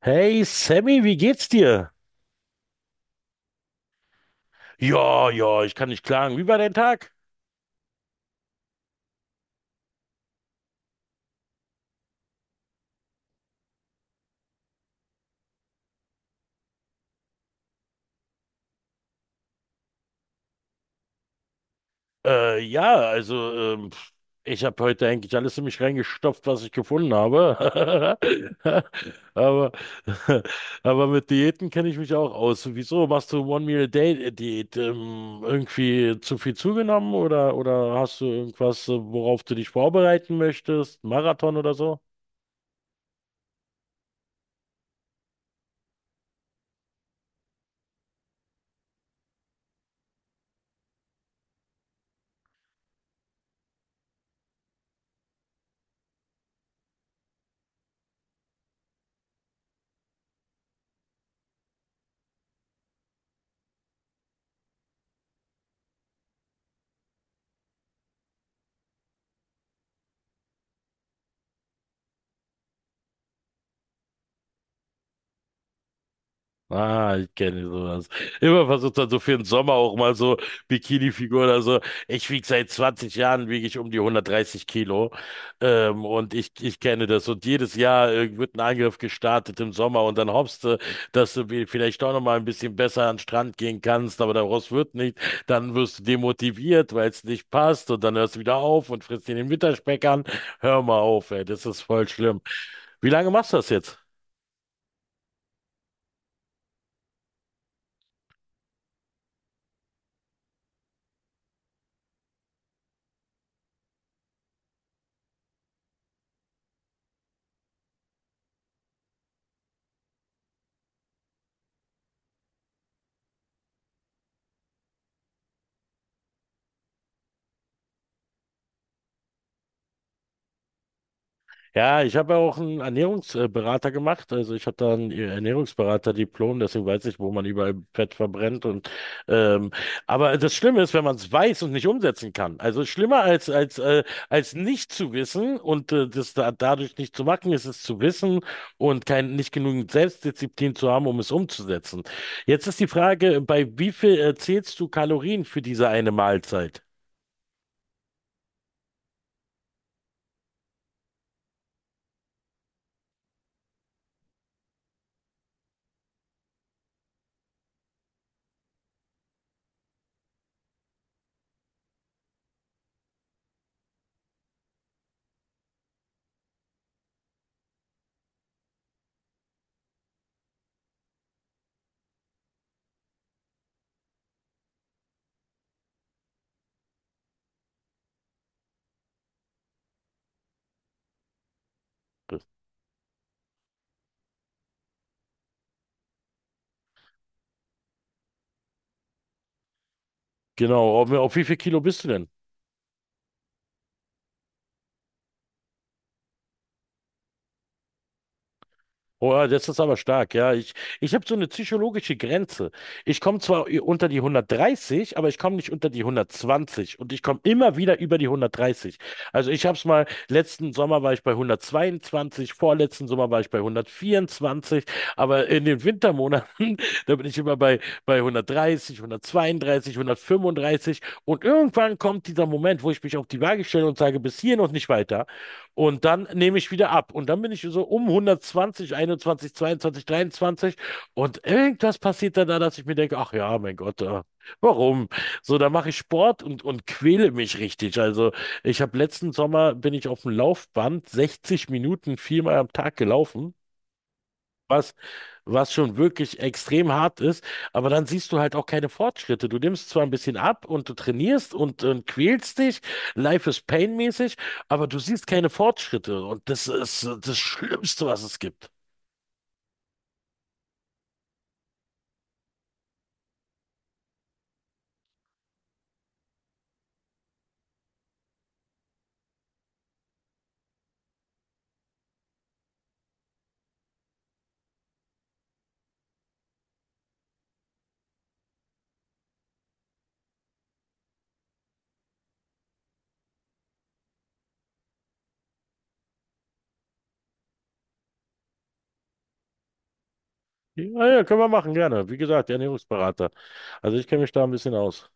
Hey Sammy, wie geht's dir? Ja, ja, ich kann nicht klagen. Wie war dein Tag? Ja, also ich habe heute eigentlich alles in mich reingestopft, was ich gefunden habe. Aber, aber mit Diäten kenne ich mich auch aus. Wieso machst du One-Meal-a-Day-Diät? Irgendwie zu viel zugenommen oder, hast du irgendwas, worauf du dich vorbereiten möchtest? Marathon oder so? Ah, ich kenne sowas. Immer versucht dann so für den Sommer auch mal so Bikini-Figur oder so. Ich wiege seit 20 Jahren, wiege ich um die 130 Kilo. Und ich kenne das. Und jedes Jahr wird ein Angriff gestartet im Sommer und dann hoffst du, dass du vielleicht doch noch mal ein bisschen besser an den Strand gehen kannst, aber daraus wird nicht. Dann wirst du demotiviert, weil es nicht passt und dann hörst du wieder auf und frisst dir den Winterspeck an. Hör mal auf, ey, das ist voll schlimm. Wie lange machst du das jetzt? Ja, ich habe ja auch einen Ernährungsberater gemacht. Also ich habe da ein Ernährungsberater-Diplom, deswegen weiß ich, wo man überall Fett verbrennt. Und ähm, aber das Schlimme ist, wenn man es weiß und nicht umsetzen kann. Also schlimmer als als nicht zu wissen und dadurch nicht zu machen, ist es zu wissen und kein nicht genügend Selbstdisziplin zu haben, um es umzusetzen. Jetzt ist die Frage, bei wie viel zählst du Kalorien für diese eine Mahlzeit? Genau, auf wie viel Kilo bist du denn? Boah, das ist aber stark, ja. Ich habe so eine psychologische Grenze. Ich komme zwar unter die 130, aber ich komme nicht unter die 120 und ich komme immer wieder über die 130. Also ich habe es mal, letzten Sommer war ich bei 122, vorletzten Sommer war ich bei 124, aber in den Wintermonaten, da bin ich immer bei 130, 132, 135 und irgendwann kommt dieser Moment, wo ich mich auf die Waage stelle und sage, bis hierhin und nicht weiter. Und dann nehme ich wieder ab. Und dann bin ich so um 120, 21, 22, 23. Und irgendwas passiert dann da, dass ich mir denke, ach ja, mein Gott, warum? So, da mache ich Sport und, quäle mich richtig. Also ich habe letzten Sommer, bin ich auf dem Laufband 60 Minuten viermal am Tag gelaufen, was schon wirklich extrem hart ist, aber dann siehst du halt auch keine Fortschritte. Du nimmst zwar ein bisschen ab und du trainierst und, quälst dich, Life is Pain-mäßig, aber du siehst keine Fortschritte und das ist das Schlimmste, was es gibt. Ja, ja, können wir machen, gerne. Wie gesagt, Ernährungsberater. Also ich kenne mich da ein bisschen aus.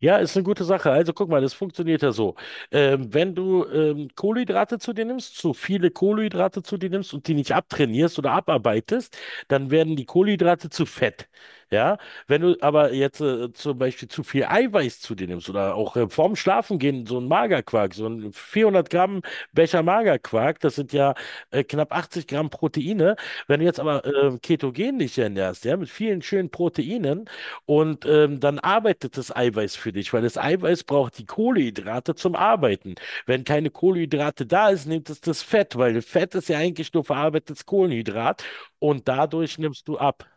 Ja, ist eine gute Sache. Also guck mal, das funktioniert ja so. Wenn du Kohlenhydrate zu dir nimmst, zu viele Kohlenhydrate zu dir nimmst und die nicht abtrainierst oder abarbeitest, dann werden die Kohlenhydrate zu Fett. Ja, wenn du aber jetzt zum Beispiel zu viel Eiweiß zu dir nimmst oder auch vorm Schlafengehen so ein Magerquark, so ein 400 Gramm Becher Magerquark, das sind ja knapp 80 Gramm Proteine. Wenn du jetzt aber ketogen dich ernährst, ja, mit vielen schönen Proteinen, und dann arbeitet das Eiweiß für dich, weil das Eiweiß braucht die Kohlenhydrate zum Arbeiten. Wenn keine Kohlenhydrate da ist, nimmt es das Fett, weil Fett ist ja eigentlich nur verarbeitetes Kohlenhydrat und dadurch nimmst du ab.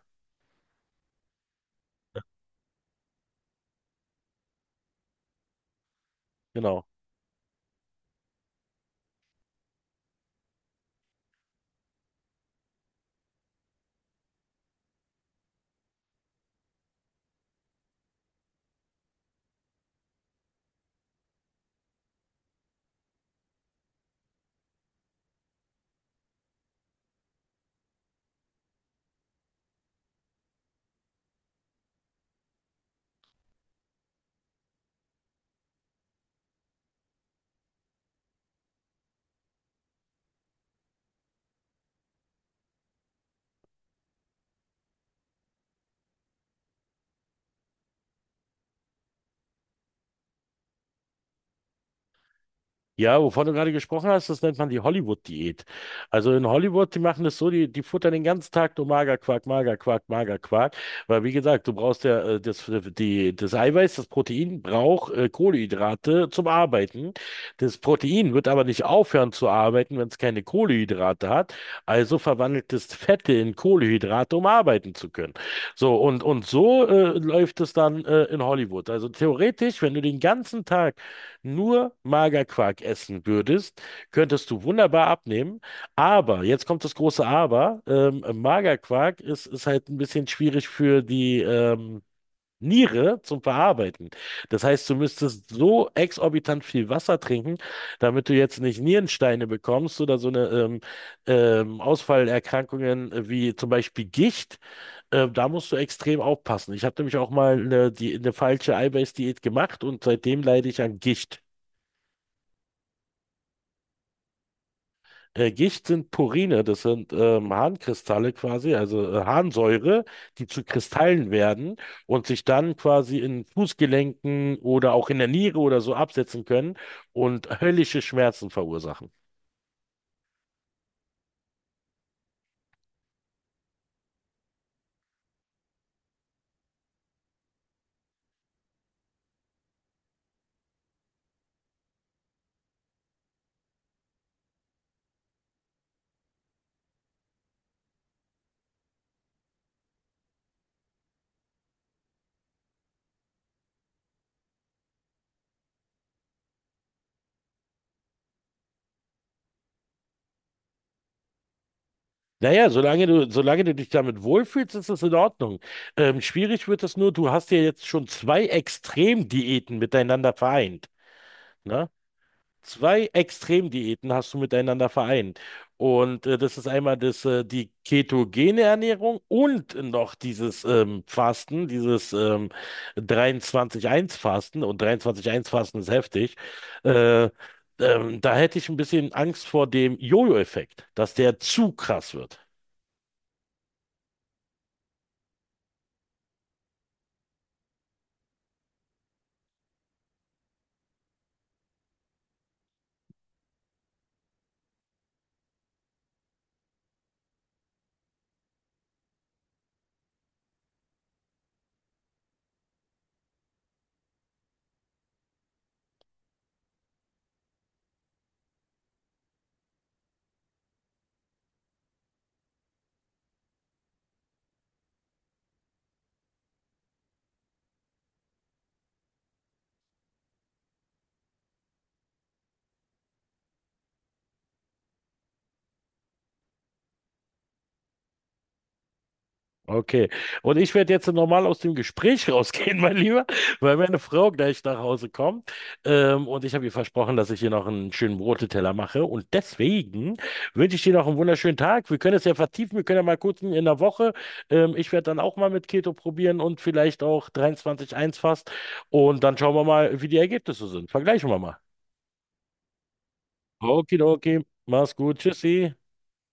Genau. Ja, wovon du gerade gesprochen hast, das nennt man die Hollywood-Diät. Also in Hollywood, die, machen das so, die futtern den ganzen Tag nur Magerquark, Magerquark, Magerquark. Weil wie gesagt, du brauchst ja das Eiweiß, das Protein braucht Kohlenhydrate zum Arbeiten. Das Protein wird aber nicht aufhören zu arbeiten, wenn es keine Kohlenhydrate hat. Also verwandelt es Fette in Kohlenhydrate, um arbeiten zu können. So, und, so läuft es dann in Hollywood. Also theoretisch, wenn du den ganzen Tag nur Magerquark essen würdest, könntest du wunderbar abnehmen. Aber, jetzt kommt das große Aber, Magerquark ist halt ein bisschen schwierig für die Niere zum Verarbeiten. Das heißt, du müsstest so exorbitant viel Wasser trinken, damit du jetzt nicht Nierensteine bekommst oder so eine Ausfallerkrankungen wie zum Beispiel Gicht. Da musst du extrem aufpassen. Ich habe nämlich auch mal eine falsche Eiweißdiät gemacht und seitdem leide ich an Gicht. Gicht sind Purine, das sind Harnkristalle quasi, also Harnsäure, die zu Kristallen werden und sich dann quasi in Fußgelenken oder auch in der Niere oder so absetzen können und höllische Schmerzen verursachen. Naja, solange du dich damit wohlfühlst, ist das in Ordnung. Schwierig wird es nur, du hast ja jetzt schon zwei Extremdiäten miteinander vereint. Ne? Zwei Extremdiäten hast du miteinander vereint. Und das ist einmal die ketogene Ernährung und noch dieses Fasten, dieses 23-1-Fasten. Und 23-1-Fasten ist heftig. Äh, Da hätte ich ein bisschen Angst vor dem Jojo-Effekt, dass der zu krass wird. Okay. Und ich werde jetzt normal aus dem Gespräch rausgehen, mein Lieber, weil meine Frau gleich nach Hause kommt. Und ich habe ihr versprochen, dass ich ihr noch einen schönen Broteteller mache. Und deswegen wünsche ich dir noch einen wunderschönen Tag. Wir können es ja vertiefen. Wir können ja mal kurz in der Woche. Ich werde dann auch mal mit Keto probieren und vielleicht auch 23-1 fast. Und dann schauen wir mal, wie die Ergebnisse sind. Vergleichen wir mal. Okidoki. Mach's gut. Tschüssi.